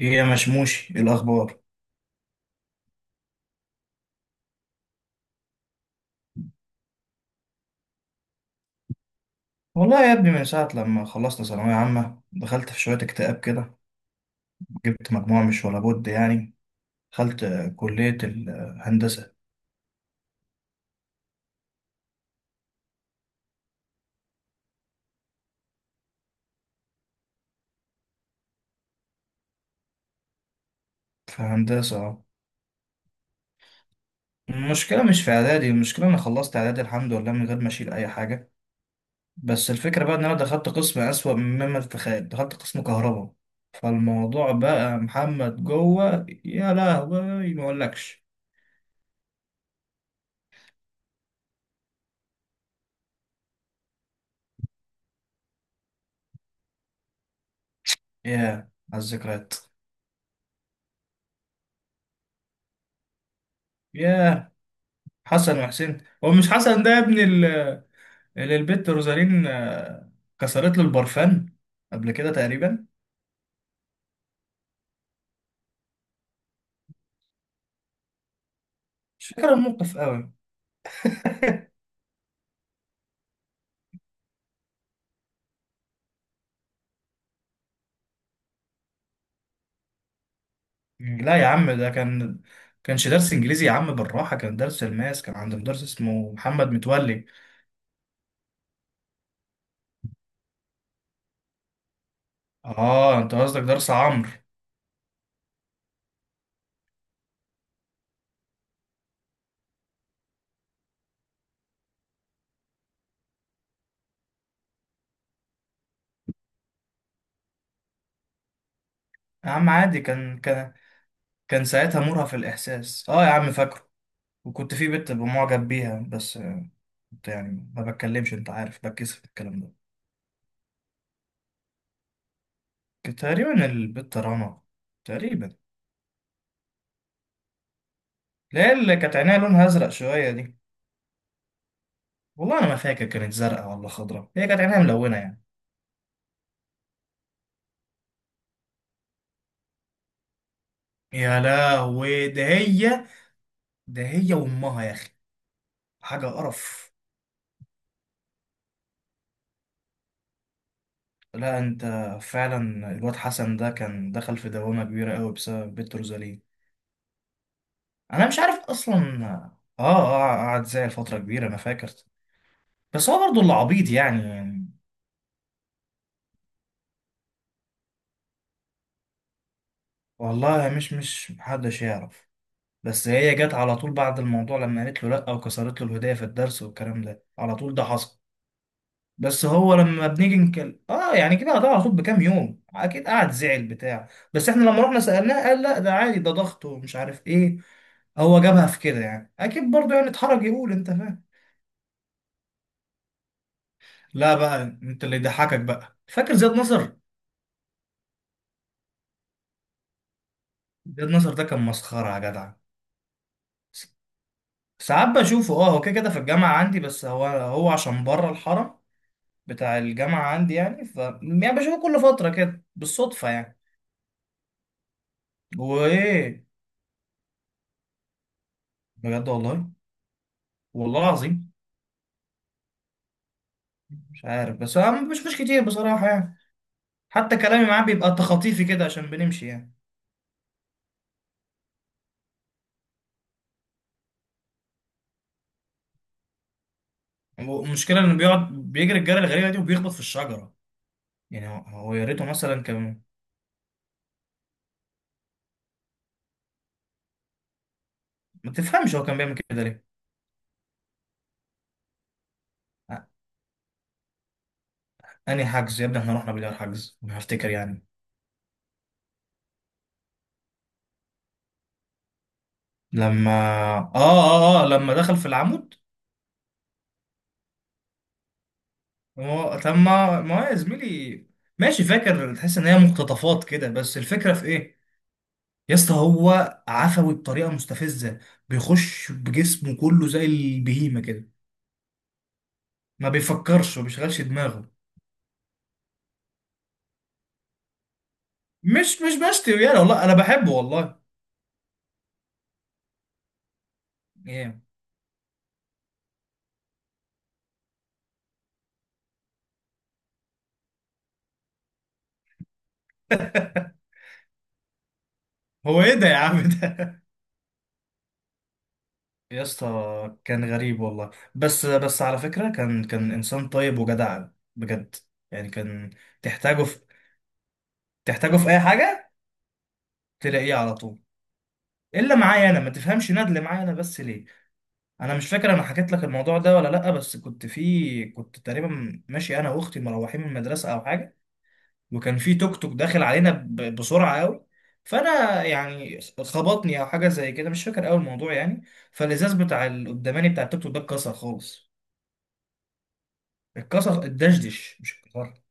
ايه يا مشموش إيه الاخبار. والله يا ابني من ساعه لما خلصت ثانويه عامه دخلت في شويه اكتئاب كده. جبت مجموعه مش ولا بد يعني. دخلت كليه الهندسه. في هندسه المشكله مش في اعدادي، المشكله انا خلصت اعدادي الحمد لله من غير ما اشيل اي حاجه. بس الفكره بقى ان انا دخلت قسم اسوأ مما تتخيل، دخلت قسم كهرباء. فالموضوع بقى محمد جوه يا لهوي ما اقولكش. يا على الذكريات. ياه. حسن وحسين، هو مش حسن ده يا ابني للبت روزالين كسرت له البرفان قبل كده تقريبا. مش فاكر الموقف قوي. لا يا عم ده كان، كانش درس انجليزي يا عم، بالراحه، كان درس الماس، كان عند مدرس اسمه محمد متولي. اه انت قصدك درس عمرو. يا عم عادي، كان كان ساعتها مرهف الاحساس، اه يا عم فاكره. وكنت في بنت بمعجب بيها بس، كنت يعني ما بتكلمش، انت عارف بتكسف الكلام ده. كانت تقريبا البت رنا، تقريبا. لا، اللي كانت عينيها لونها ازرق شويه دي. والله انا ما فاكر كانت زرقاء ولا خضراء، هي كانت عينها ملونه يعني. يا لهوي ده هي، ده هي وامها يا اخي، حاجه قرف. لا انت، فعلا الواد حسن ده كان دخل في دوامه كبيره قوي بسبب بنت روزالين. انا مش عارف اصلا. اه اه، قعد زي الفتره كبيره انا فاكر. بس هو برضه اللي عبيط يعني يعني. والله مش محدش يعرف. بس هي جت على طول بعد الموضوع لما قالت له لا وكسرت له الهديه في الدرس والكلام ده، على طول ده حصل. بس هو لما بنيجي نكلم، اه يعني كده قطع على طول بكام يوم، اكيد قعد زعل بتاع بس احنا لما رحنا سألناه قال لا ده عادي، ده ضغط ومش عارف ايه. هو جابها في كده يعني، اكيد برضه يعني اتحرج يقول، انت فاهم. لا بقى انت اللي يضحكك بقى، فاكر زياد نصر؟ زياد نصر ده كان مسخرة يا جدع. س- ساعات بشوفه، اه هو كده كده في الجامعة عندي، بس هو عشان بره الحرم بتاع الجامعة عندي يعني، ف يعني بشوفه كل فترة كده بالصدفة يعني. وايه. بجد والله؟ والله العظيم. مش عارف، بس هو ما بشوفوش كتير بصراحة يعني. حتى كلامي معاه بيبقى تخاطيفي كده عشان بنمشي يعني. المشكلة انه بيقعد بيجري الجري الغريبة دي وبيخبط في الشجرة. يعني هو يا ريته مثلا كان. ما تفهمش هو كان بيعمل كده ليه. أ- انهي حجز يا ابني، احنا رحنا بالله حجز انا هفتكر يعني؟ لما، اه اه اه لما دخل في العمود. هو تم، ما هو يا زميلي، ماشي فاكر، تحس ان هي مقتطفات كده، بس الفكرة في ايه. يا اسطى هو عفوي بطريقة مستفزة، بيخش بجسمه كله زي البهيمة كده، ما بيفكرش ما بيشغلش دماغه. مش بشتي يعني، والله انا بحبه والله. ايه. هو ايه ده يا عم ده. يا اسطى كان غريب والله، بس بس على فكرة كان انسان طيب وجدع، بجد. يعني كان، تحتاجه في تحتاجه في اي حاجة تلاقيه على طول. الا معايا انا ما تفهمش، ندل معايا انا بس ليه. انا مش فاكر انا حكيت لك الموضوع ده ولا لا، بس كنت تقريبا ماشي انا واختي مروحين من المدرسة او حاجة، وكان في توك توك داخل علينا بسرعه قوي. فانا يعني خبطني او حاجه زي كده، مش فاكر قوي الموضوع يعني. فالازاز بتاع القداماني بتاع التوك توك ده اتكسر خالص. اتكسر، اتدشدش مش اتكسر.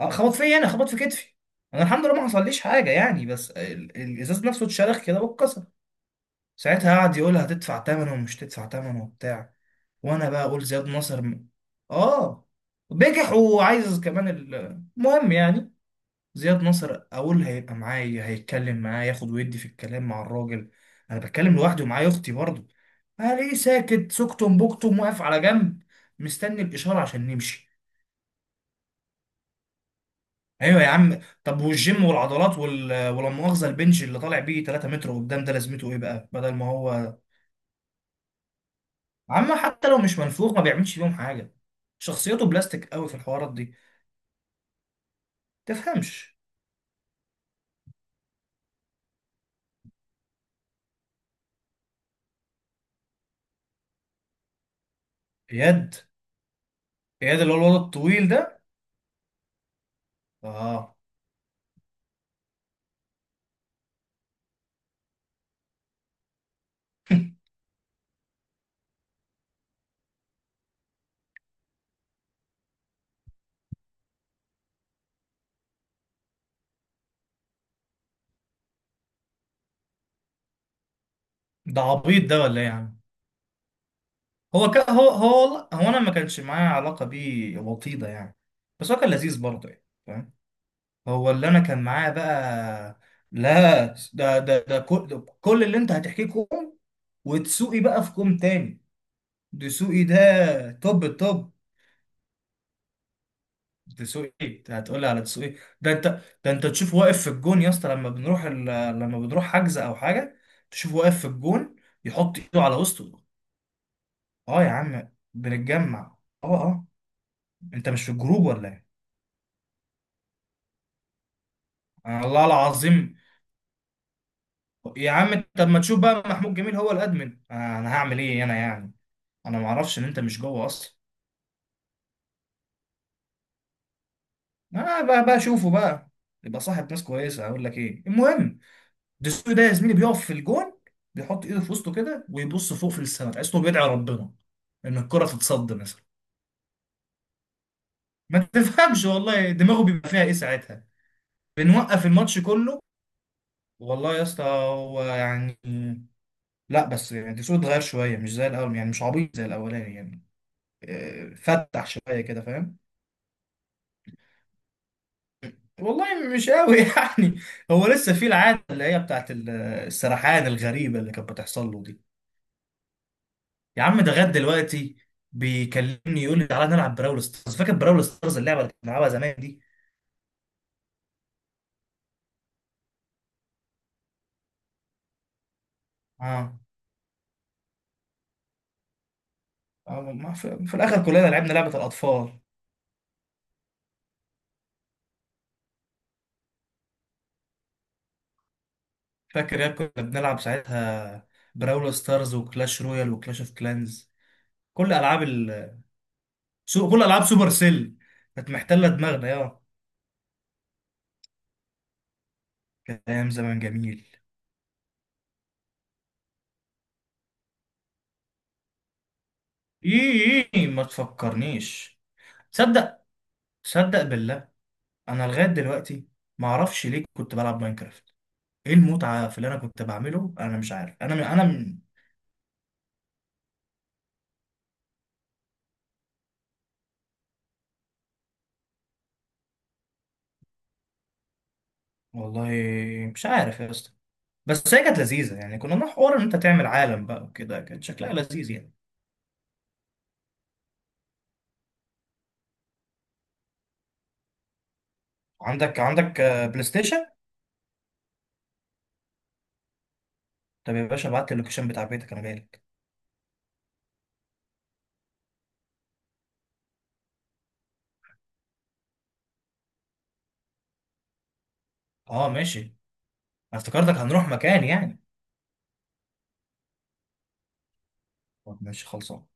آه، خبط فيا انا، خبط في كتفي. انا الحمد لله ما حصليش حاجه يعني، بس الازاز نفسه اتشرخ كده واتكسر. ساعتها قعد يقول هتدفع ثمنه ومش تدفع ثمنه وبتاع، وانا بقى اقول زياد نصر اه، بجح وعايز كمان المهم يعني. زياد نصر اقول هيبقى معايا هيتكلم معايا، ياخد ويدي في الكلام مع الراجل. انا بتكلم لوحدي ومعايا اختي برضه. الاقيه ساكت سكتم بكتم واقف على جنب، مستني الاشاره عشان نمشي. ايوه يا عم، طب والجيم والعضلات وال... ولا مؤاخذه البنج اللي طالع بيه 3 متر قدام ده لازمته ايه بقى بدل ما هو. عم حتى لو مش منفوخ ما بيعملش بيهم حاجه، شخصيته بلاستيك قوي في الحوارات دي. تفهمش. اياد. اياد اللي هو الواد الطويل ده. اه. ده عبيط ده ولا ايه يا عم. هو والله، هو انا ما كانش معايا علاقه بيه وطيده يعني، بس هو كان لذيذ برضه يعني فاهم. هو اللي انا كان معاه بقى. لا، ده كل، ده كل اللي انت هتحكيه كوم، وتسوقي بقى في كوم تاني. دسوقي ده، توب التوب. دسوقي، انت هتقولي على دسوقي؟ ده انت ده انت تشوف واقف في الجون يا اسطى، لما بنروح ال... لما بنروح حجز او حاجه، تشوف واقف في الجون يحط ايده على وسطه. اه يا عم بنتجمع. اه اه، انت مش في الجروب ولا إيه؟ الله العظيم. يا عم طب ما تشوف بقى محمود جميل هو الادمن، انا هعمل ايه انا يعني، انا ما اعرفش ان انت مش جوه اصلا. انا بقى شوفه بقى يبقى صاحب ناس كويسه. اقول لك ايه المهم، دسوقي ده يا زميلي بيقف في الجون، بيحط ايده في وسطه كده ويبص فوق في السماء، تحسه بيدعي ربنا ان الكره تتصد مثلا. ما تفهمش والله دماغه بيبقى فيها ايه ساعتها، بنوقف الماتش كله. والله يا اسطى هو يعني، لا بس يعني دسوقي اتغير شويه، مش زي الاول يعني، مش عبيط زي الاولاني يعني. فتح شويه كده فاهم. والله مش قوي. يعني هو لسه في العاده اللي هي بتاعت السرحان الغريبه اللي كانت بتحصل له دي. يا عم ده غد دلوقتي بيكلمني يقول لي تعالى نلعب براول ستارز. فاكر براول ستارز اللعبه اللي كنا بنلعبها زمان دي؟ اه. آه، ما في، في الاخر كلنا لعبنا لعبه الاطفال. فاكر يا كنا بنلعب ساعتها براول ستارز وكلاش رويال وكلاش اوف كلانز، كل العاب ال... كل العاب سوبر سيل كانت محتله دماغنا يا. كانت ايام زمان جميل. ايه ما تفكرنيش. تصدق، تصدق بالله، انا لغايه دلوقتي ما اعرفش ليه كنت بلعب ماينكرافت. ايه المتعه في اللي انا كنت بعمله، انا مش عارف، انا من. والله مش عارف يا اسطى، بس هي كانت لذيذه يعني، كنا بنروح حوار ان انت تعمل عالم بقى وكده، كانت شكلها لذيذ يعني. عندك بلاي ستيشن. طب يا باشا ابعت لي اللوكيشن بتاع بيتك انا جاي لك. اه ماشي، أنا افتكرتك هنروح مكان يعني. طب ماشي، خلصان.